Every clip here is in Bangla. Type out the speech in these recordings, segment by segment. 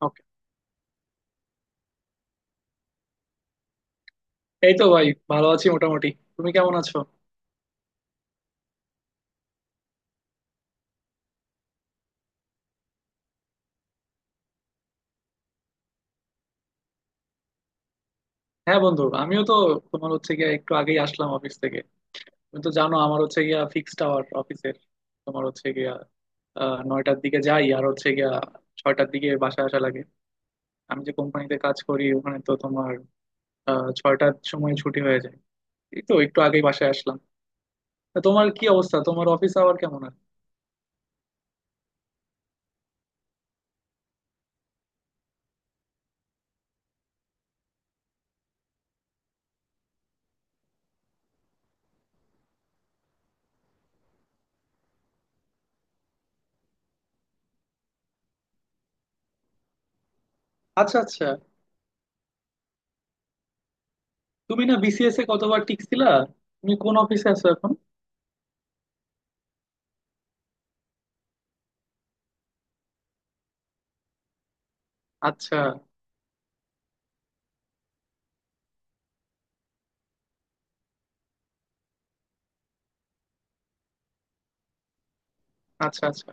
Okay. এই তো ভাই, ভালো আছি মোটামুটি। তুমি কেমন আছো? হ্যাঁ বন্ধু, আমিও তো তোমার হচ্ছে গিয়া একটু আগেই আসলাম অফিস থেকে। তুমি তো জানো আমার হচ্ছে গিয়া ফিক্সড আওয়ার অফিসের। তোমার হচ্ছে গিয়া নয়টার দিকে যাই আর হচ্ছে গিয়া ছয়টার দিকে বাসায় আসা লাগে। আমি যে কোম্পানিতে কাজ করি ওখানে তো তোমার ছয়টার সময় ছুটি হয়ে যায়। এই তো একটু আগেই বাসায় আসলাম। তা তোমার কি অবস্থা, তোমার অফিস আওয়ার কেমন আর? আচ্ছা আচ্ছা। তুমি না বিসিএস এ কতবার টিকছিলা? তুমি কোন অফিসে আছো এখন? আচ্ছা আচ্ছা আচ্ছা।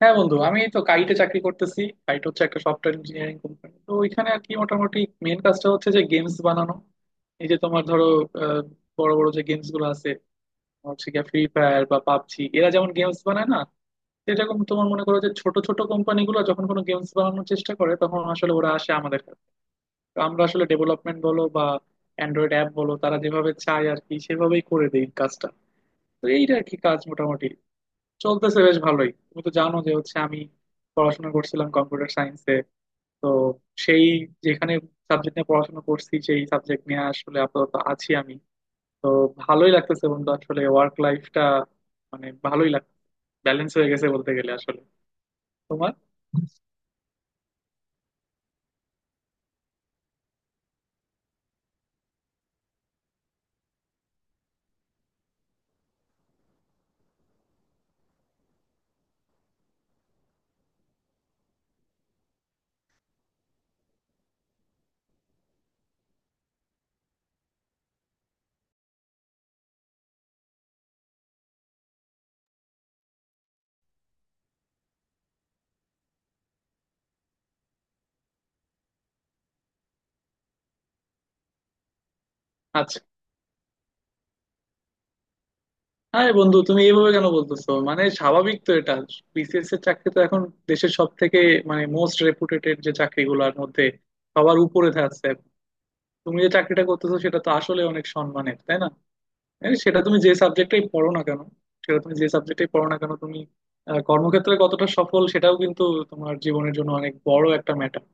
হ্যাঁ বন্ধু, আমি তো কাইটে চাকরি করতেছি। কাইট হচ্ছে একটা সফটওয়্যার ইঞ্জিনিয়ারিং কোম্পানি, তো ওইখানে আর কি মোটামুটি মেন কাজটা হচ্ছে যে গেমস বানানো। এই যে তোমার ধরো আহ, বড় বড় যে গেমস গুলো আছে, হচ্ছে গিয়ে ফ্রি ফায়ার বা পাবজি, এরা যেমন গেমস বানায় না, সেরকম তোমার মনে করো যে ছোট ছোট কোম্পানি গুলো যখন কোনো গেমস বানানোর চেষ্টা করে, তখন আসলে ওরা আসে আমাদের কাছে। তো আমরা আসলে ডেভেলপমেন্ট বলো বা অ্যান্ড্রয়েড অ্যাপ বলো, তারা যেভাবে চায় আর কি সেভাবেই করে দেই কাজটা। তো এইটা আর কি কাজ মোটামুটি চলতেছে বেশ ভালোই। তুমি তো জানো যে হচ্ছে আমি পড়াশোনা করছিলাম কম্পিউটার সায়েন্সে। তো সেই যেখানে সাবজেক্ট নিয়ে পড়াশোনা করছি, সেই সাবজেক্ট নিয়ে আসলে আপাতত আছি আমি। তো ভালোই লাগতেছে বন্ধু, আসলে ওয়ার্ক লাইফটা মানে ভালোই লাগ, ব্যালেন্স হয়ে গেছে বলতে গেলে আসলে। তোমার আচ্ছা। হ্যাঁ বন্ধু, তুমি এইভাবে কেন বলতেছো, মানে স্বাভাবিক তো এটা। বিসিএস এর চাকরি তো এখন দেশের সব থেকে, মানে মোস্ট রেপুটেটেড যে চাকরিগুলোর মধ্যে সবার উপরে থাকছে। তুমি যে চাকরিটা করতেছো সেটা তো আসলে অনেক সম্মানের, তাই না? হ্যাঁ, সেটা তুমি যে সাবজেক্টেই পড়ো না কেন, সেটা তুমি যে সাবজেক্টেই পড়ো না কেন, তুমি কর্মক্ষেত্রে কতটা সফল সেটাও কিন্তু তোমার জীবনের জন্য অনেক বড় একটা ম্যাটার।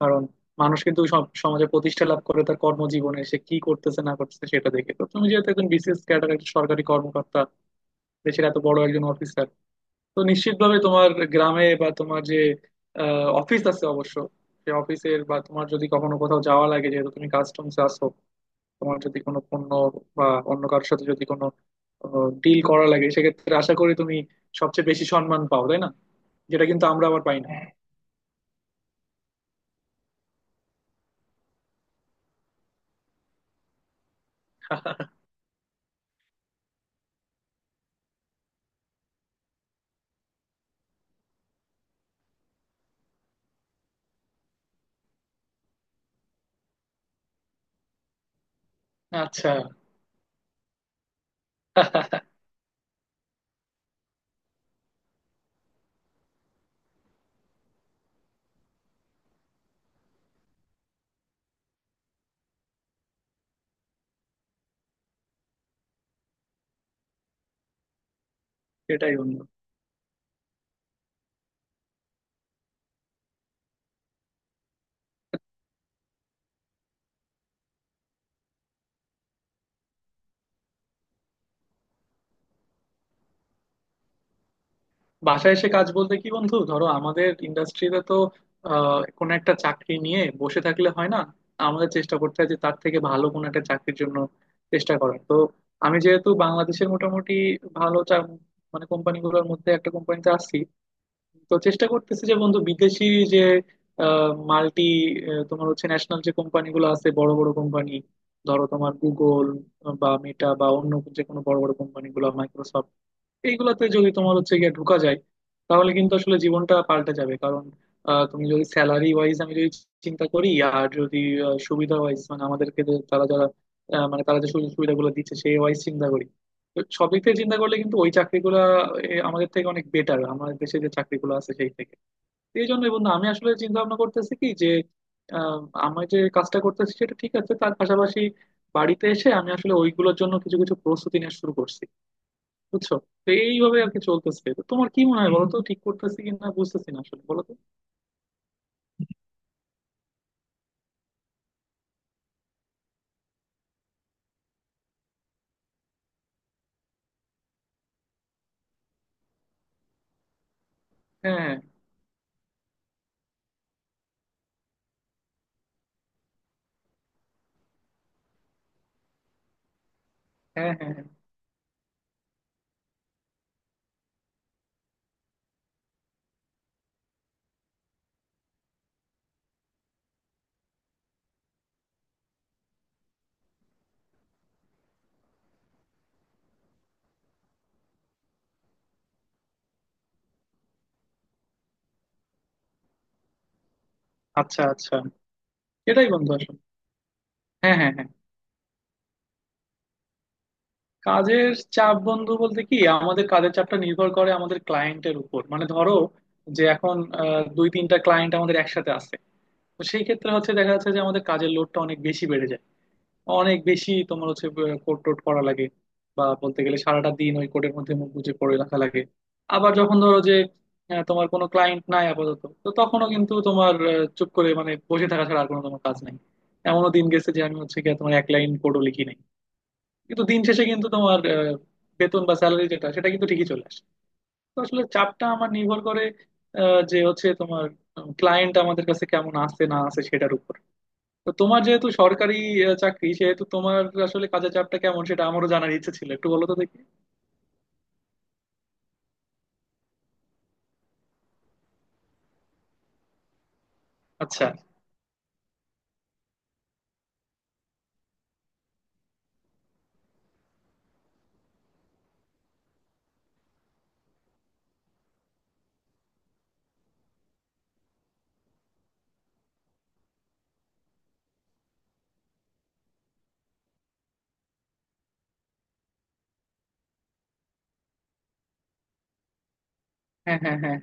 কারণ মানুষ কিন্তু সব সমাজে প্রতিষ্ঠা লাভ করে তার কর্মজীবনে সে কি করতেছে না করতেছে সেটা দেখে। তো তুমি যেহেতু একজন বিসিএস ক্যাডার, একজন সরকারি কর্মকর্তা, দেশের এত বড় একজন অফিসার, তো নিশ্চিতভাবে তোমার গ্রামে বা তোমার যে অফিস আছে অবশ্য, সে অফিসের বা তোমার যদি কখনো কোথাও যাওয়া লাগে, যেহেতু তুমি কাস্টমস আছো, তোমার যদি কোনো পণ্য বা অন্য কারোর সাথে যদি কোনো ডিল করা লাগে, সেক্ষেত্রে আশা করি তুমি সবচেয়ে বেশি সম্মান পাও, তাই না? যেটা কিন্তু আমরা আবার পাই না। আচ্ছা। সেটাই বন্ধু। বাসায় এসে কাজ বলতে কি বন্ধু, ধরো আমাদের ইন্ডাস্ট্রিতে তো কোনো একটা চাকরি নিয়ে বসে থাকলে হয় না। আমাদের চেষ্টা করতে হয় যে তার থেকে ভালো কোনো একটা চাকরির জন্য চেষ্টা করার। তো আমি যেহেতু বাংলাদেশের মোটামুটি ভালো মানে কোম্পানিগুলোর মধ্যে একটা কোম্পানিতে আছি, তো চেষ্টা করতেছি যে বন্ধু বিদেশি যে মাল্টি, তোমার হচ্ছে ন্যাশনাল যে কোম্পানিগুলো আছে, বড় বড় কোম্পানি, ধরো তোমার গুগল বা মেটা বা অন্য যে কোনো বড় বড় কোম্পানিগুলো, মাইক্রোসফট, এইগুলাতে যদি তোমার হচ্ছে গিয়ে ঢুকা যায়, তাহলে কিন্তু আসলে জীবনটা পাল্টে যাবে। কারণ তুমি যদি স্যালারি ওয়াইজ, আমি যদি চিন্তা করি, আর যদি সুবিধা ওয়াইজ, মানে আমাদেরকে যে তারা যারা মানে তারা যে সুযোগ সুবিধাগুলো দিচ্ছে সেই ওয়াইজ চিন্তা করি, তো সব দিক থেকে চিন্তা করলে কিন্তু ওই চাকরিগুলা আমাদের থেকে অনেক বেটার, আমাদের দেশে যে চাকরিগুলো আছে সেই থেকে। তো এই জন্য বন্ধু আমি আসলে চিন্তা ভাবনা করতেছি কি যে আহ, আমি যে কাজটা করতেছি সেটা ঠিক আছে, তার পাশাপাশি বাড়িতে এসে আমি আসলে ওইগুলোর জন্য কিছু কিছু প্রস্তুতি নেওয়া শুরু করছি, বুঝছো? তো এইভাবে আর কি চলতেছে। তো তোমার কি মনে হয় বলো তো, ঠিক করতেছি কিনা বুঝতেছি না আসলে, বলো তো। হ্যাঁ হ্যাঁ হ্যাঁ হ্যাঁ। আচ্ছা আচ্ছা। এটাই বন্ধু আসলে। হ্যাঁ হ্যাঁ হ্যাঁ। কাজের চাপ বন্ধু বলতে কি, আমাদের কাজের চাপটা নির্ভর করে আমাদের ক্লায়েন্টের উপর। মানে ধরো যে এখন দুই তিনটা ক্লায়েন্ট আমাদের একসাথে আছে, তো সেই ক্ষেত্রে হচ্ছে দেখা যাচ্ছে যে আমাদের কাজের লোডটা অনেক বেশি বেড়ে যায়। অনেক বেশি তোমার হচ্ছে কোট টোট করা লাগে, বা বলতে গেলে সারাটা দিন ওই কোটের মধ্যে মুখ গুজে পড়ে রাখা লাগে। আবার যখন ধরো যে তোমার কোনো ক্লায়েন্ট নাই আপাতত, তো তখনও কিন্তু তোমার চুপ করে মানে বসে থাকা ছাড়া আর কোনো তোমার কাজ নাই। এমনও দিন গেছে যে আমি হচ্ছে গিয়ে তোমার এক লাইন কোডও লিখি নাই, কিন্তু দিন শেষে কিন্তু তোমার বেতন বা স্যালারি যেটা সেটা কিন্তু ঠিকই চলে আসে। তো আসলে চাপটা আমার নির্ভর করে যে হচ্ছে তোমার ক্লায়েন্ট আমাদের কাছে কেমন আসছে না আসে সেটার উপর। তো তোমার যেহেতু সরকারি চাকরি, সেহেতু তোমার আসলে কাজের চাপটা কেমন সেটা আমারও জানার ইচ্ছে ছিল, একটু বলো তো দেখি। আচ্ছা। হ্যাঁ হ্যাঁ হ্যাঁ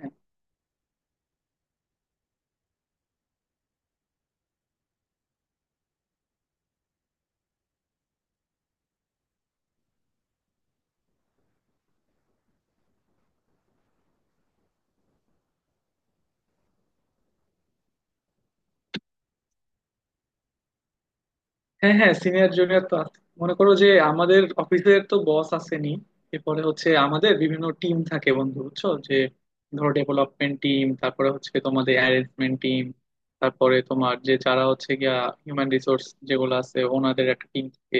হ্যাঁ হ্যাঁ। সিনিয়র জুনিয়র তো আছে। মনে করো যে আমাদের অফিসের তো বস আসেনি, এরপরে হচ্ছে আমাদের বিভিন্ন টিম থাকে বন্ধু, বুঝছো যে ধরো ডেভেলপমেন্ট টিম, তারপরে হচ্ছে তোমাদের অ্যারেঞ্জমেন্ট টিম, তারপরে তোমার যে যারা হচ্ছে গিয়া হিউম্যান রিসোর্স যেগুলো আছে, ওনাদের একটা টিম থাকে।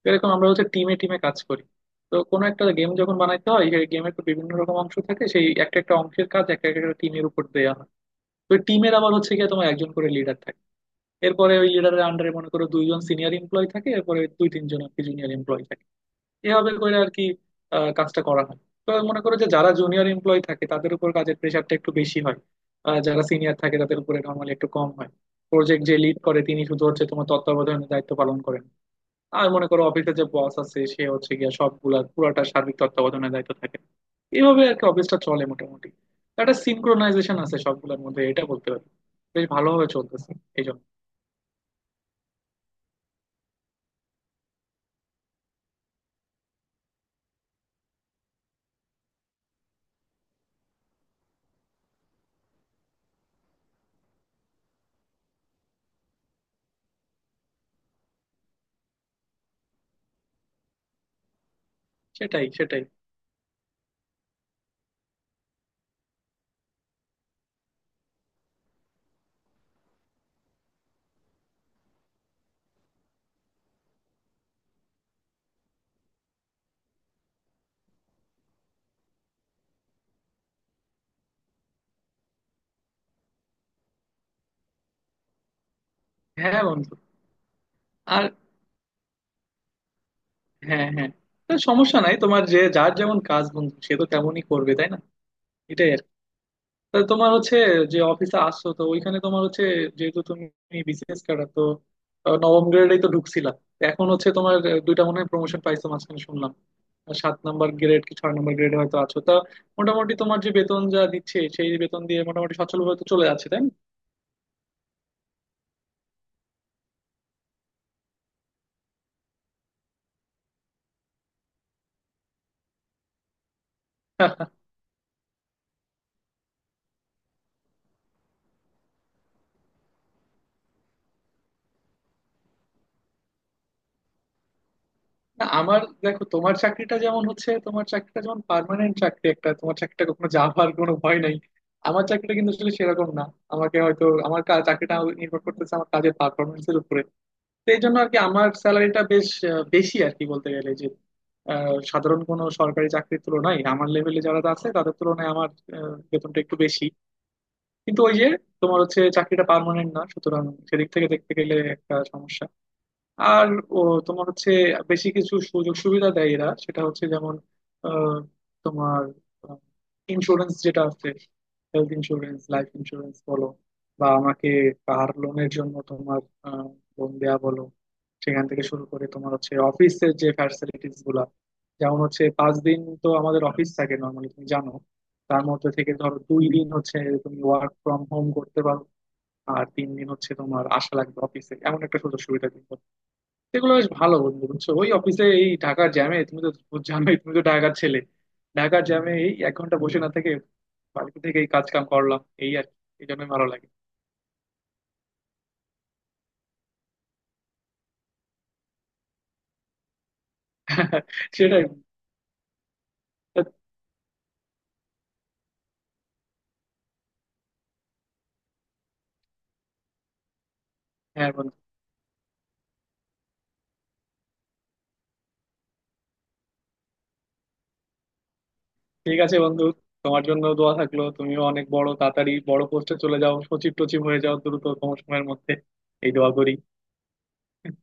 তো এরকম আমরা হচ্ছে টিমে টিমে কাজ করি। তো কোনো একটা গেম যখন বানাইতে হয়, সেই গেমের তো বিভিন্ন রকম অংশ থাকে, সেই একটা একটা অংশের কাজ একটা একটা টিমের উপর দেওয়া হয়। তো টিমের আবার হচ্ছে গিয়া তোমার একজন করে লিডার থাকে, এরপরে ওই লিডারের আন্ডারে মনে করো দুইজন সিনিয়র এমপ্লয় থাকে, এরপরে দুই তিনজন আর কি জুনিয়র এমপ্লয় থাকে। এভাবে করে আর কি কাজটা করা হয়। তো মনে করো যে যারা জুনিয়র এমপ্লয় থাকে তাদের উপর কাজের প্রেশারটা একটু বেশি হয়, যারা সিনিয়র থাকে তাদের উপরে নর্মালি একটু কম হয়। প্রজেক্ট যে লিড করে তিনি শুধু হচ্ছে তোমার তত্ত্বাবধানের দায়িত্ব পালন করেন। আর মনে করো অফিসে যে বস আছে সে হচ্ছে গিয়া সবগুলা পুরাটা সার্বিক তত্ত্বাবধানের দায়িত্ব থাকে। এভাবে আর কি অফিসটা চলে মোটামুটি। একটা সিনক্রোনাইজেশন আছে সবগুলোর মধ্যে, এটা বলতে পারি। বেশ ভালোভাবে চলতেছে এই জন্য। সেটাই সেটাই। হ্যাঁ বন্ধু। আর হ্যাঁ হ্যাঁ। তা সমস্যা নাই, তোমার যে যার যেমন কাজ বন্ধু সে তো তেমনই করবে, তাই না? এটাই আর কি। তা তোমার হচ্ছে যে অফিসে আসছো, তো ওইখানে তোমার হচ্ছে, যেহেতু তুমি বিসিএস ক্যাডার, তো নবম গ্রেডেই তো ঢুকছিলা। তো এখন হচ্ছে তোমার দুইটা মনে হয় প্রমোশন পাইছো মাঝখানে শুনলাম। আর সাত নাম্বার গ্রেড কি ছয় নাম্বার গ্রেডে হয়তো আছো। তা মোটামুটি তোমার যে বেতন যা দিচ্ছে সেই বেতন দিয়ে মোটামুটি সচ্ছল ভাবে তো চলে যাচ্ছে, তাই না? না, আমার দেখো, তোমার চাকরিটা যেমন হচ্ছে, তোমার চাকরিটা যেমন পার্মানেন্ট চাকরি একটা, তোমার চাকরিটা কখনো যাওয়ার কোনো ভয় নাই, আমার চাকরিটা কিন্তু আসলে সেরকম না। আমাকে হয়তো আমার চাকরিটা নির্ভর করতেছে আমার কাজের পারফরমেন্স এর উপরে। তো এই জন্য আর কি আমার স্যালারিটা বেশ বেশি আর কি, বলতে গেলে যে সাধারণ কোনো সরকারি চাকরির তুলনায়, আমার লেভেলে যারা আছে তাদের তুলনায় আমার বেতনটা একটু বেশি। কিন্তু ওই যে তোমার হচ্ছে চাকরিটা পার্মানেন্ট না, সুতরাং সেদিক থেকে দেখতে গেলে একটা সমস্যা। আর ও, তোমার হচ্ছে বেশি কিছু সুযোগ সুবিধা দেয় এরা, সেটা হচ্ছে যেমন আহ, তোমার ইন্স্যুরেন্স যেটা আছে, হেলথ ইন্স্যুরেন্স লাইফ ইন্স্যুরেন্স বলো, বা আমাকে কার লোনের জন্য তোমার লোন দেয়া বলো, সেখান থেকে শুরু করে তোমার হচ্ছে অফিসের যে ফ্যাসিলিটিস গুলা, যেমন হচ্ছে পাঁচ দিন তো আমাদের অফিস থাকে নর্মালি, তুমি জানো। তার মধ্যে থেকে ধরো দুই দিন হচ্ছে তুমি ওয়ার্ক ফ্রম হোম করতে পারো, আর তিন দিন হচ্ছে তোমার আসা লাগবে অফিসে, এমন একটা সুযোগ সুবিধা দিন। সেগুলো বেশ ভালো বন্ধু, বুঝছো? ওই অফিসে এই ঢাকার জ্যামে তুমি তো জানোই, তুমি তো ঢাকার ছেলে। ঢাকার জ্যামে এই এক ঘন্টা বসে না থেকে বাড়িতে থেকে এই কাজ কাম করলাম, এই আর কি। এই জন্যই ভালো লাগে। সেটাই। হ্যাঁ বন্ধু। ঠিক আছে বন্ধু, তোমার জন্য দোয়া থাকলো, তুমিও অনেক বড়, তাড়াতাড়ি বড় পোস্টে চলে যাও, সচিব টচিব হয়ে যাও দ্রুত কম সময়ের মধ্যে, এই দোয়া করি।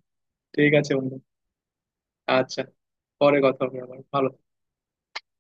ঠিক আছে বন্ধু। আচ্ছা, পরে কথা হবে আবার, ভালো থেকো।